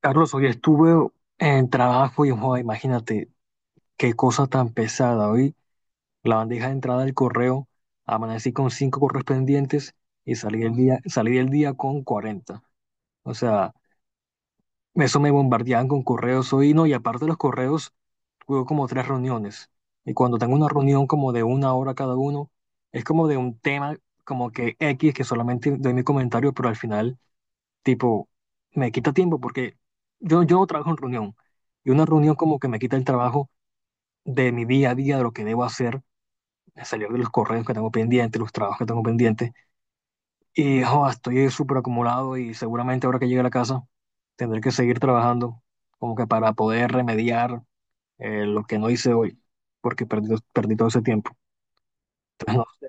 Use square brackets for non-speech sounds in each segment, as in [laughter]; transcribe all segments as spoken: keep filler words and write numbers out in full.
Carlos, hoy estuve en trabajo y, joder, imagínate qué cosa tan pesada. Hoy la bandeja de entrada del correo, amanecí con cinco correos pendientes y salí el día, salí del día con cuarenta. O sea, eso me bombardeaban con correos hoy, no, y aparte de los correos, tuve como tres reuniones. Y cuando tengo una reunión como de una hora cada uno, es como de un tema como que X, que solamente doy mi comentario, pero al final tipo, me quita tiempo porque yo, yo no trabajo en reunión. Y una reunión como que me quita el trabajo de mi día a día, de lo que debo hacer, de salir de los correos que tengo pendientes, los trabajos que tengo pendientes. Y joda, estoy súper acumulado y seguramente ahora que llegue a la casa tendré que seguir trabajando como que para poder remediar eh, lo que no hice hoy, porque perdí, perdí todo ese tiempo. Entonces, no sé,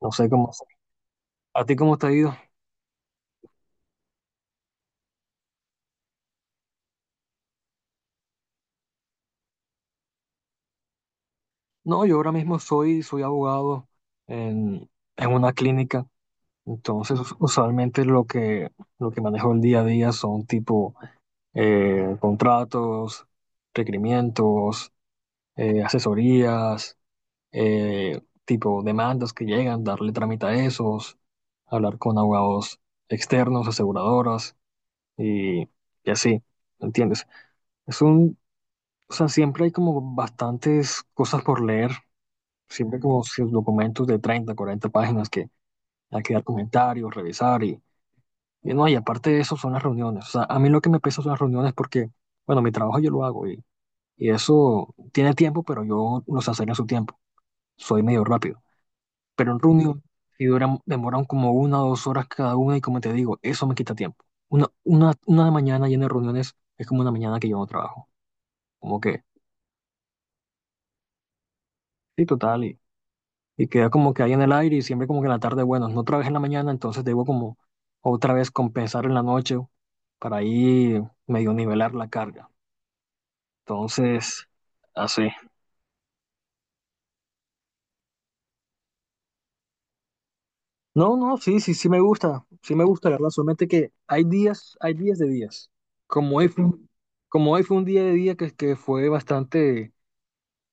no sé cómo hacer. ¿A ti cómo te ha ido? No, yo ahora mismo soy, soy abogado en, en una clínica. Entonces, us- usualmente lo que, lo que manejo el día a día son tipo eh, contratos, requerimientos, eh, asesorías, eh, tipo demandas que llegan, darle trámite a esos, hablar con abogados externos, aseguradoras y, y así, ¿me ¿entiendes? Es un, o sea, siempre hay como bastantes cosas por leer, siempre como sus documentos de treinta cuarenta páginas que hay que dar comentarios, revisar y... Y no, y aparte de eso son las reuniones. O sea, a mí lo que me pesa son las reuniones porque, bueno, mi trabajo yo lo hago y, y eso tiene tiempo, pero yo lo sé hacer en su tiempo. Soy medio rápido. Pero en reunión, si duran, demoran como una o dos horas cada una y como te digo, eso me quita tiempo. Una, una, una mañana llena de reuniones es como una mañana que yo no trabajo. Como que, sí, total. Y, y queda como que ahí en el aire y siempre como que en la tarde, bueno, no trabajé en la mañana, entonces debo como otra vez compensar en la noche para ahí medio nivelar la carga. Entonces, así. No, no, sí, sí, sí me gusta. Sí me gusta, la verdad. Solamente que hay días, hay días de días. Como hoy fue, un- como hoy fue un día de día que, que fue bastante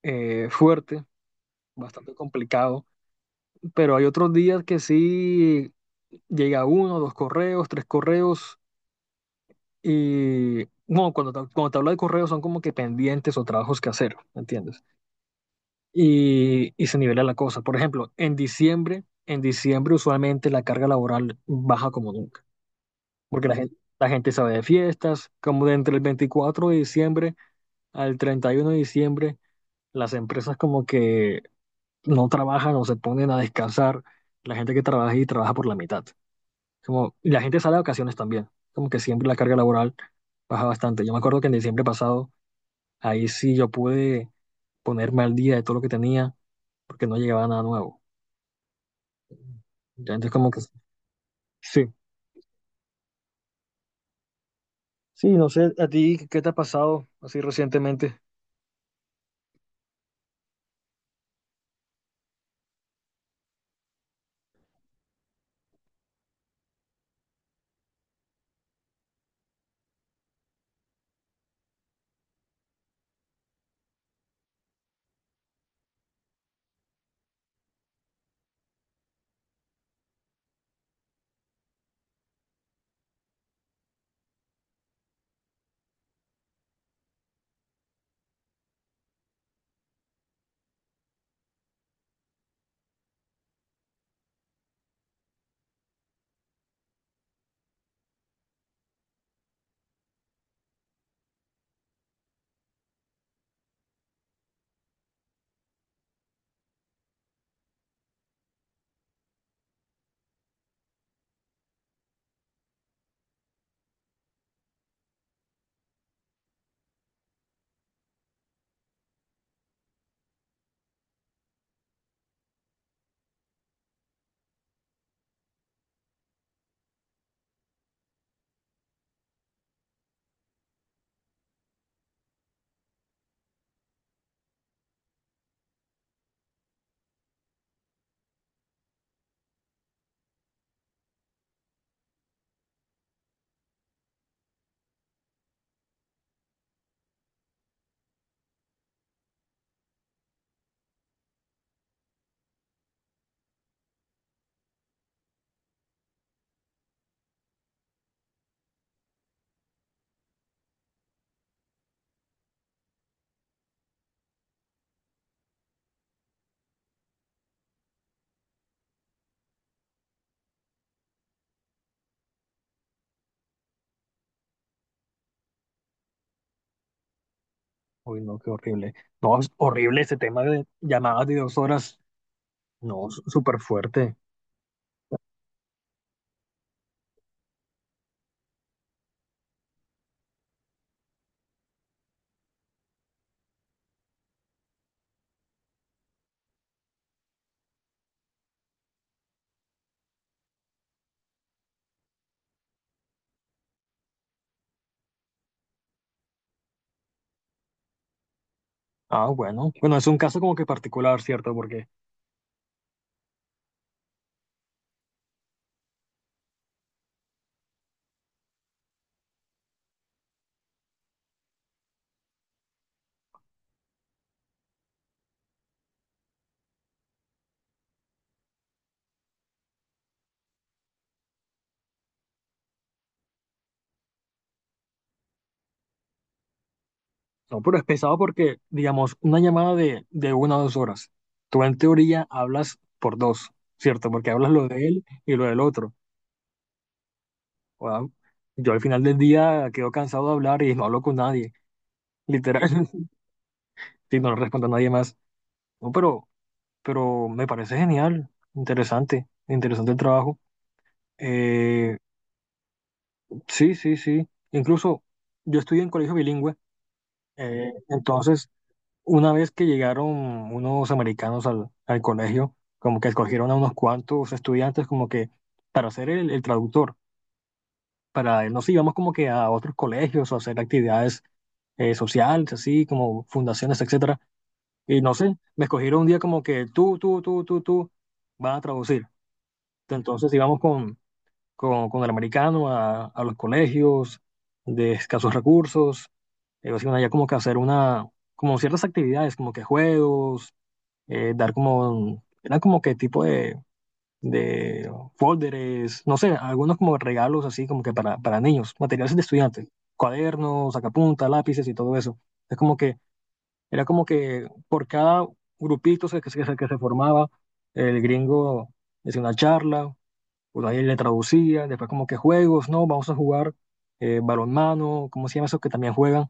eh, fuerte, bastante complicado. Pero hay otros días que sí llega uno, dos correos, tres correos. Y bueno, cuando te, cuando te hablo de correos son como que pendientes o trabajos que hacer, ¿me ¿entiendes? Y, y se nivela la cosa. Por ejemplo, en diciembre, en diciembre usualmente la carga laboral baja como nunca, porque la gente, la gente se de fiestas, como de entre el veinticuatro de diciembre al treinta y uno de diciembre, las empresas como que no trabajan o se ponen a descansar, la gente que trabaja y trabaja por la mitad. Como, y la gente sale de vacaciones también, como que siempre la carga laboral baja bastante. Yo me acuerdo que en diciembre pasado, ahí sí yo pude ponerme al día de todo lo que tenía, porque no llegaba nada nuevo. Entonces, como que sí, sí, no sé, a ti, ¿qué te ha pasado así recientemente? Uy, no, qué horrible. No, es horrible ese tema de llamadas de dos horas. No, s- súper fuerte. Ah, bueno. Bueno, es un caso como que particular, ¿cierto? Porque, no, pero es pesado porque, digamos, una llamada de, de una o dos horas. Tú en teoría hablas por dos, ¿cierto? Porque hablas lo de él y lo del otro. Wao. Yo al final del día quedo cansado de hablar y no hablo con nadie, literal, [laughs] si no le respondo a nadie más. No, pero pero me parece genial, interesante, interesante el trabajo. Eh, sí, sí, sí. Incluso yo estudié en colegio bilingüe, eh, entonces una vez que llegaron unos americanos al, al colegio, como que escogieron a unos cuantos estudiantes como que para ser el, el traductor, para nos íbamos como que a otros colegios o hacer actividades eh, sociales, así como fundaciones, etcétera. Y no sé, me escogieron un día como que tú, tú, tú, tú, tú, van a traducir. Entonces íbamos con con, con el americano a, a los colegios de escasos recursos, eh, básicamente ya como que hacer una, como ciertas actividades, como que juegos, eh, dar como, eran como que tipo de, de folders, no sé, algunos como regalos así como que para, para niños, materiales de estudiantes, cuadernos, sacapuntas, lápices y todo eso. Es como que, era como que por cada grupito se- que, se- que se formaba, el gringo hacía una charla, pues ahí le traducía, después como que juegos, ¿no? Vamos a jugar eh, balonmano, ¿cómo se llama eso que también juegan?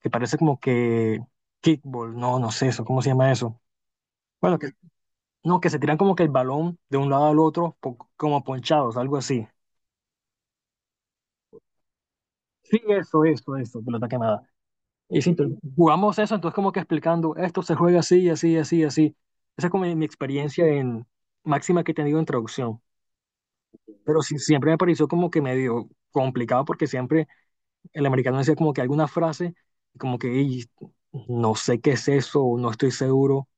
Que parece como que kickball, no, no sé eso, ¿cómo se llama eso? Bueno, que, no, que se tiran como que el balón de un lado al otro, po- como ponchados, algo así. Sí, eso, eso, eso, pelota quemada. Y sí, entonces, jugamos eso, entonces como que explicando, esto se juega así, así, así, así. Esa es como mi, mi experiencia en máxima que he tenido en traducción. Pero sí, siempre me pareció como que medio complicado porque siempre el americano decía como que alguna frase, como que "Ey, no sé qué es eso, o no estoy seguro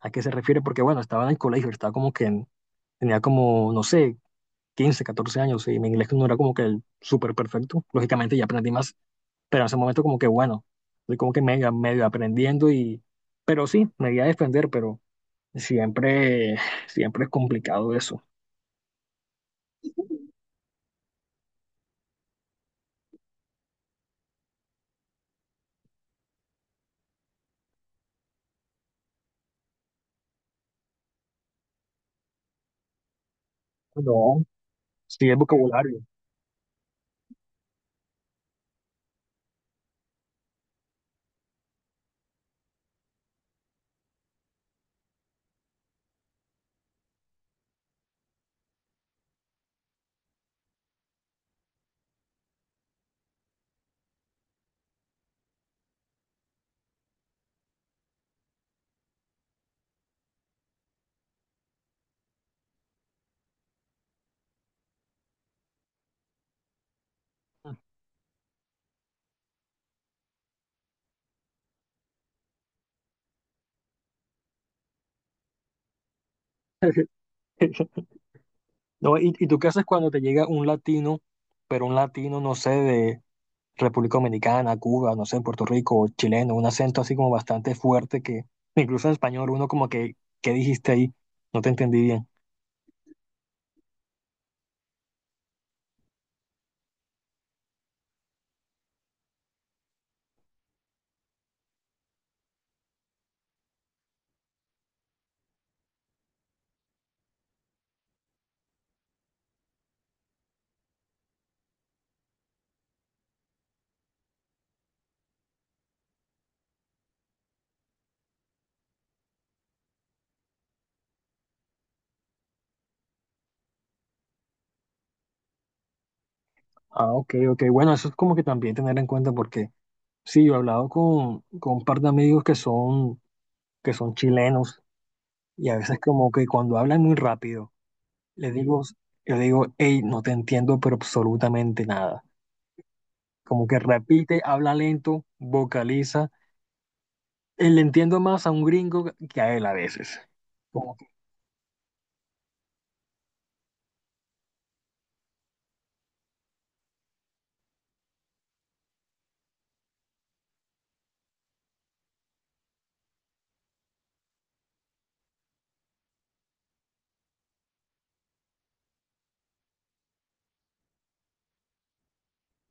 a qué se refiere", porque bueno, estaba en el colegio, estaba como que en- tenía como, no sé, quince, catorce años y mi inglés no era como que el súper perfecto. Lógicamente ya aprendí más, pero en ese momento como que bueno, estoy como que medio, medio aprendiendo y, pero sí, me voy a defender, pero siempre, siempre es complicado eso. No, sí es vocabulario. [laughs] No, ¿y, y tú qué haces cuando te llega un latino, pero un latino, no sé, de República Dominicana, Cuba, no sé, Puerto Rico, chileno, un acento así como bastante fuerte que incluso en español uno como que, ¿qué dijiste ahí? No te entendí bien. Ah, ok, ok. Bueno, eso es como que también tener en cuenta porque sí, yo he hablado con, con un par de amigos que son, que son chilenos y a veces como que cuando hablan muy rápido, les digo, yo digo, hey, no te entiendo, pero absolutamente nada. Como que repite, habla lento, vocaliza. Eh, Le entiendo más a un gringo que a él a veces. Como que,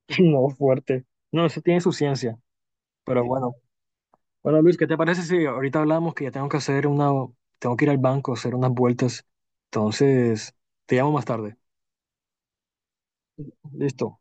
[laughs] no, fuerte. No, eso tiene su ciencia. Pero bueno, bueno, Luis, ¿qué te parece si ahorita hablamos que ya tengo que hacer una, tengo que ir al banco, hacer unas vueltas? Entonces, te llamo más tarde. Listo.